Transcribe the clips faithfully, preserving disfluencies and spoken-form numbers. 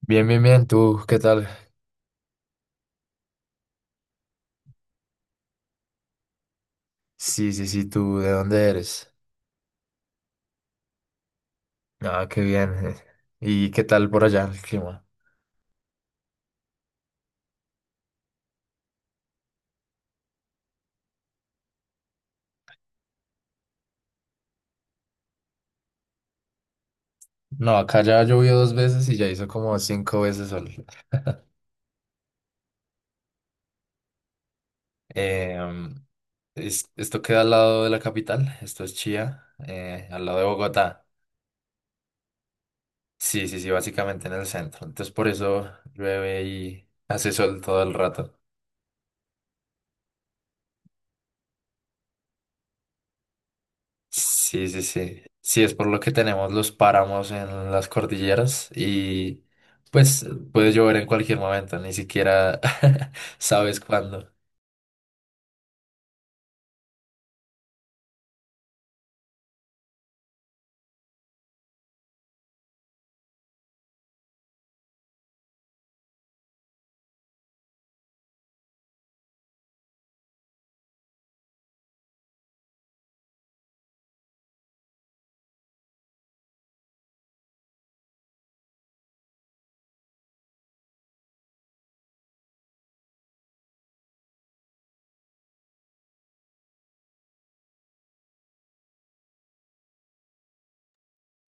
Bien, bien, bien. ¿Tú qué tal? Sí, sí, sí. ¿Tú de dónde eres? Ah, qué bien. eh. ¿Y qué tal por allá el clima? No, acá ya llovió dos veces y ya hizo como cinco veces sol. Em, es- esto queda al lado de la capital. Esto es Chía, eh, al lado de Bogotá. Sí, sí, sí, básicamente en el centro. Entonces por eso llueve y hace sol todo el rato. Sí, sí, sí. Sí, es por lo que tenemos los páramos en las cordilleras y pues puede llover en cualquier momento, ni siquiera sabes cuándo.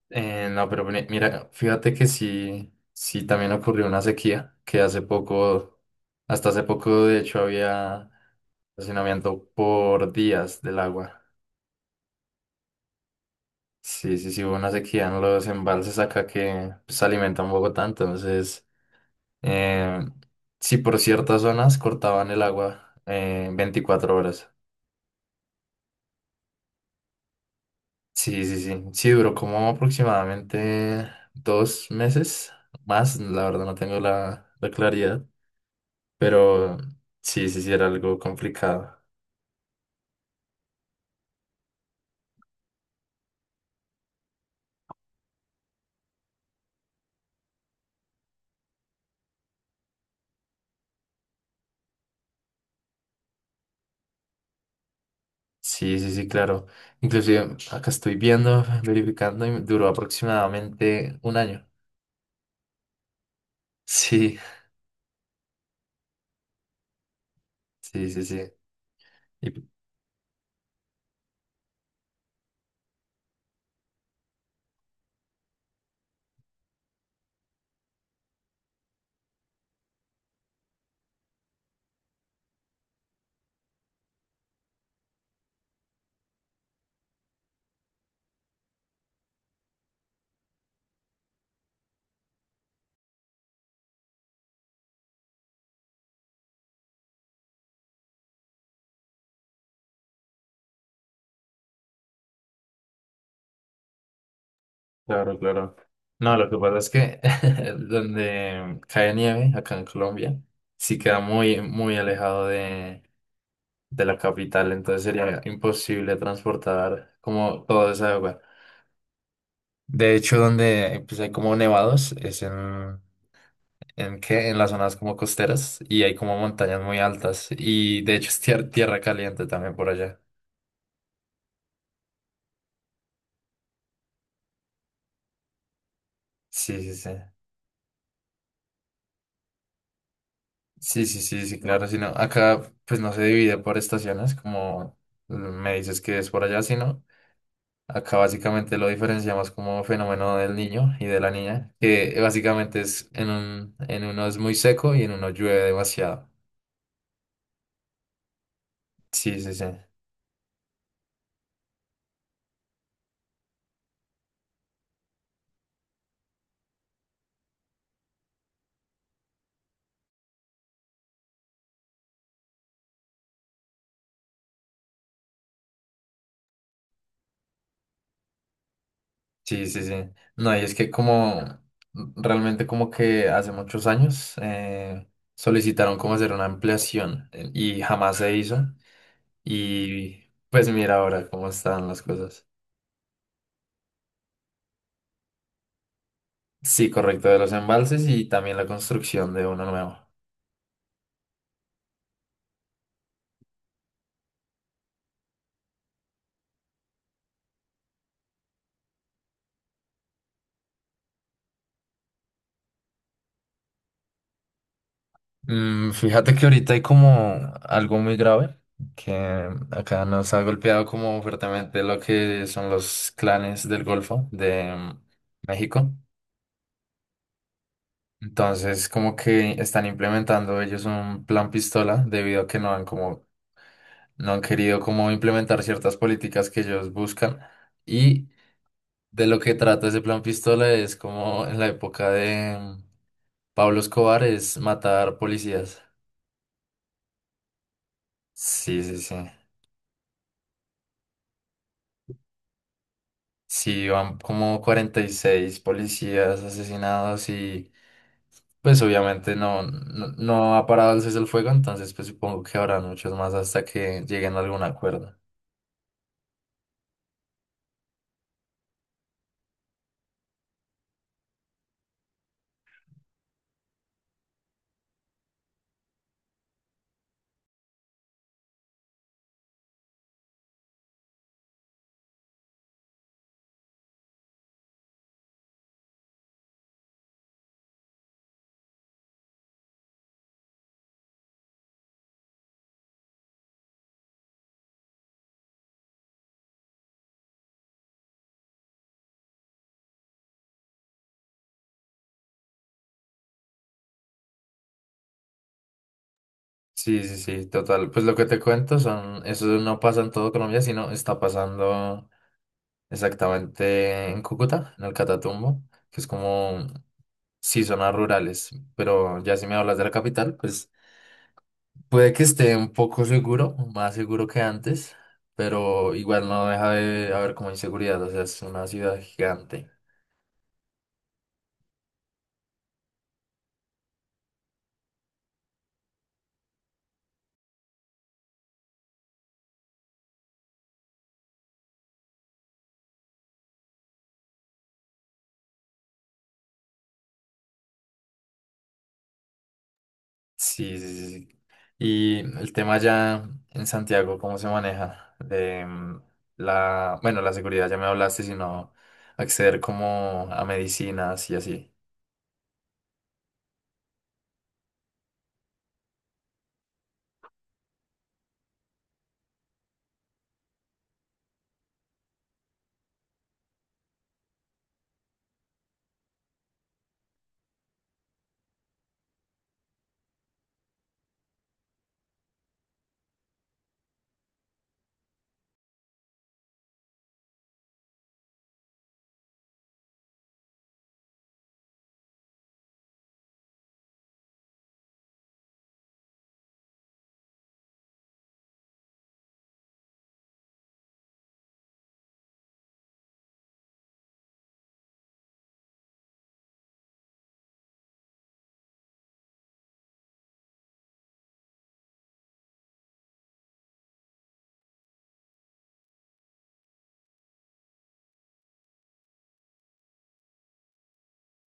Eh, no, pero mi- mira, fíjate que sí, sí también ocurrió una sequía, que hace poco, hasta hace poco de hecho había racionamiento por días del agua. Sí, sí, sí, hubo una sequía en los embalses acá que se alimentan Bogotá, entonces... Eh, sí, por ciertas zonas cortaban el agua eh, veinticuatro horas. Sí, sí, sí. Sí, duró como aproximadamente dos meses más. La verdad no tengo la, la claridad. Pero sí, sí, sí, era algo complicado. Sí, sí, sí, claro. Inclusive acá estoy viendo, verificando y duró aproximadamente un año. Sí, sí, sí, sí. Claro, claro. No, lo que pasa es que donde cae nieve, acá en Colombia, sí queda muy, muy alejado de, de la capital, entonces sería imposible transportar como toda esa agua. De hecho, donde pues, hay como nevados es en, ¿en qué? En las zonas como costeras y hay como montañas muy altas y de hecho es tier- tierra caliente también por allá. Sí, sí, sí. Sí, sí, sí, sí, claro, si no, acá pues no se divide por estaciones, como me dices que es por allá, sino acá básicamente lo diferenciamos como fenómeno del niño y de la niña, que básicamente es en un, en uno es muy seco y en uno llueve demasiado. Sí, sí, sí, sí, sí, sí. No, y es que como realmente como que hace muchos años eh, solicitaron como hacer una ampliación eh, y jamás se hizo y pues mira ahora cómo están las cosas. Sí, correcto, de los embalses y también la construcción de uno nuevo. Mm, fíjate que ahorita hay como algo muy grave, que acá nos ha golpeado como fuertemente lo que son los clanes del Golfo de mm, México. Entonces, como que están implementando ellos un plan pistola debido a que no han como no han querido como implementar ciertas políticas que ellos buscan y de lo que trata ese plan pistola es como en la época de Pablo Escobar es matar policías. Sí, sí, sí. Sí, van como cuarenta y seis policías asesinados y pues obviamente no, no, no ha parado el cese el fuego, entonces pues supongo que habrá muchos más hasta que lleguen a algún acuerdo. Sí, sí, sí, total. Pues lo que te cuento son, eso no pasa en todo Colombia, sino está pasando exactamente en Cúcuta, en el Catatumbo, que es como, sí, zonas rurales, pero ya si me hablas de la capital, pues... Puede que esté un poco seguro, más seguro que antes, pero igual no deja de haber como inseguridad, o sea, es una ciudad gigante. Sí, sí, sí. sí. Y el tema ya en Santiago, ¿cómo se maneja? De mm, la, bueno, la seguridad ya me hablaste, sino acceder como a medicinas y así.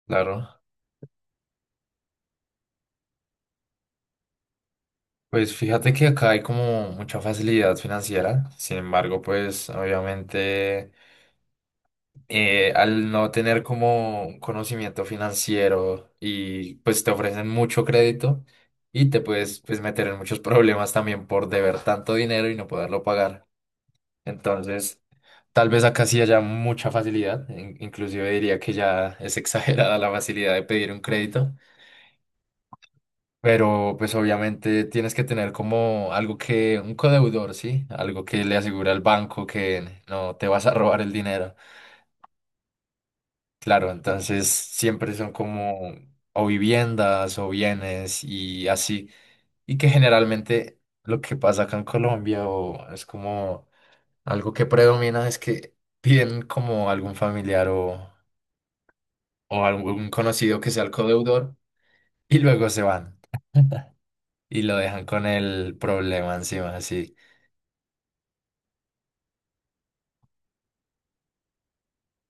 Claro. Pues fíjate que acá hay como mucha facilidad financiera, sin embargo, pues obviamente eh, al no tener como un conocimiento financiero y pues te ofrecen mucho crédito y te puedes pues meter en muchos problemas también por deber tanto dinero y no poderlo pagar. Entonces, tal vez acá sí haya mucha facilidad, in- inclusive diría que ya es exagerada la facilidad de pedir un crédito. Pero pues obviamente tienes que tener como algo que, un codeudor, ¿sí? Algo que le asegure al banco que no te vas a robar el dinero. Claro, entonces siempre son como o viviendas o bienes y así. Y que generalmente lo que pasa acá en Colombia o es como algo que predomina es que piden como algún familiar o, o algún conocido que sea el codeudor y luego se van y lo dejan con el problema encima, así.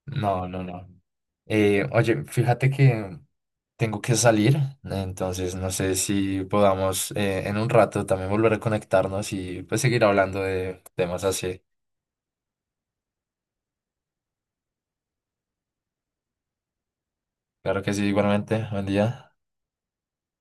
No, no, no. Eh, oye, fíjate que Tengo que salir, entonces no sé si podamos eh, en un rato también volver a conectarnos y pues seguir hablando de temas así. Claro que sí, igualmente. Buen día.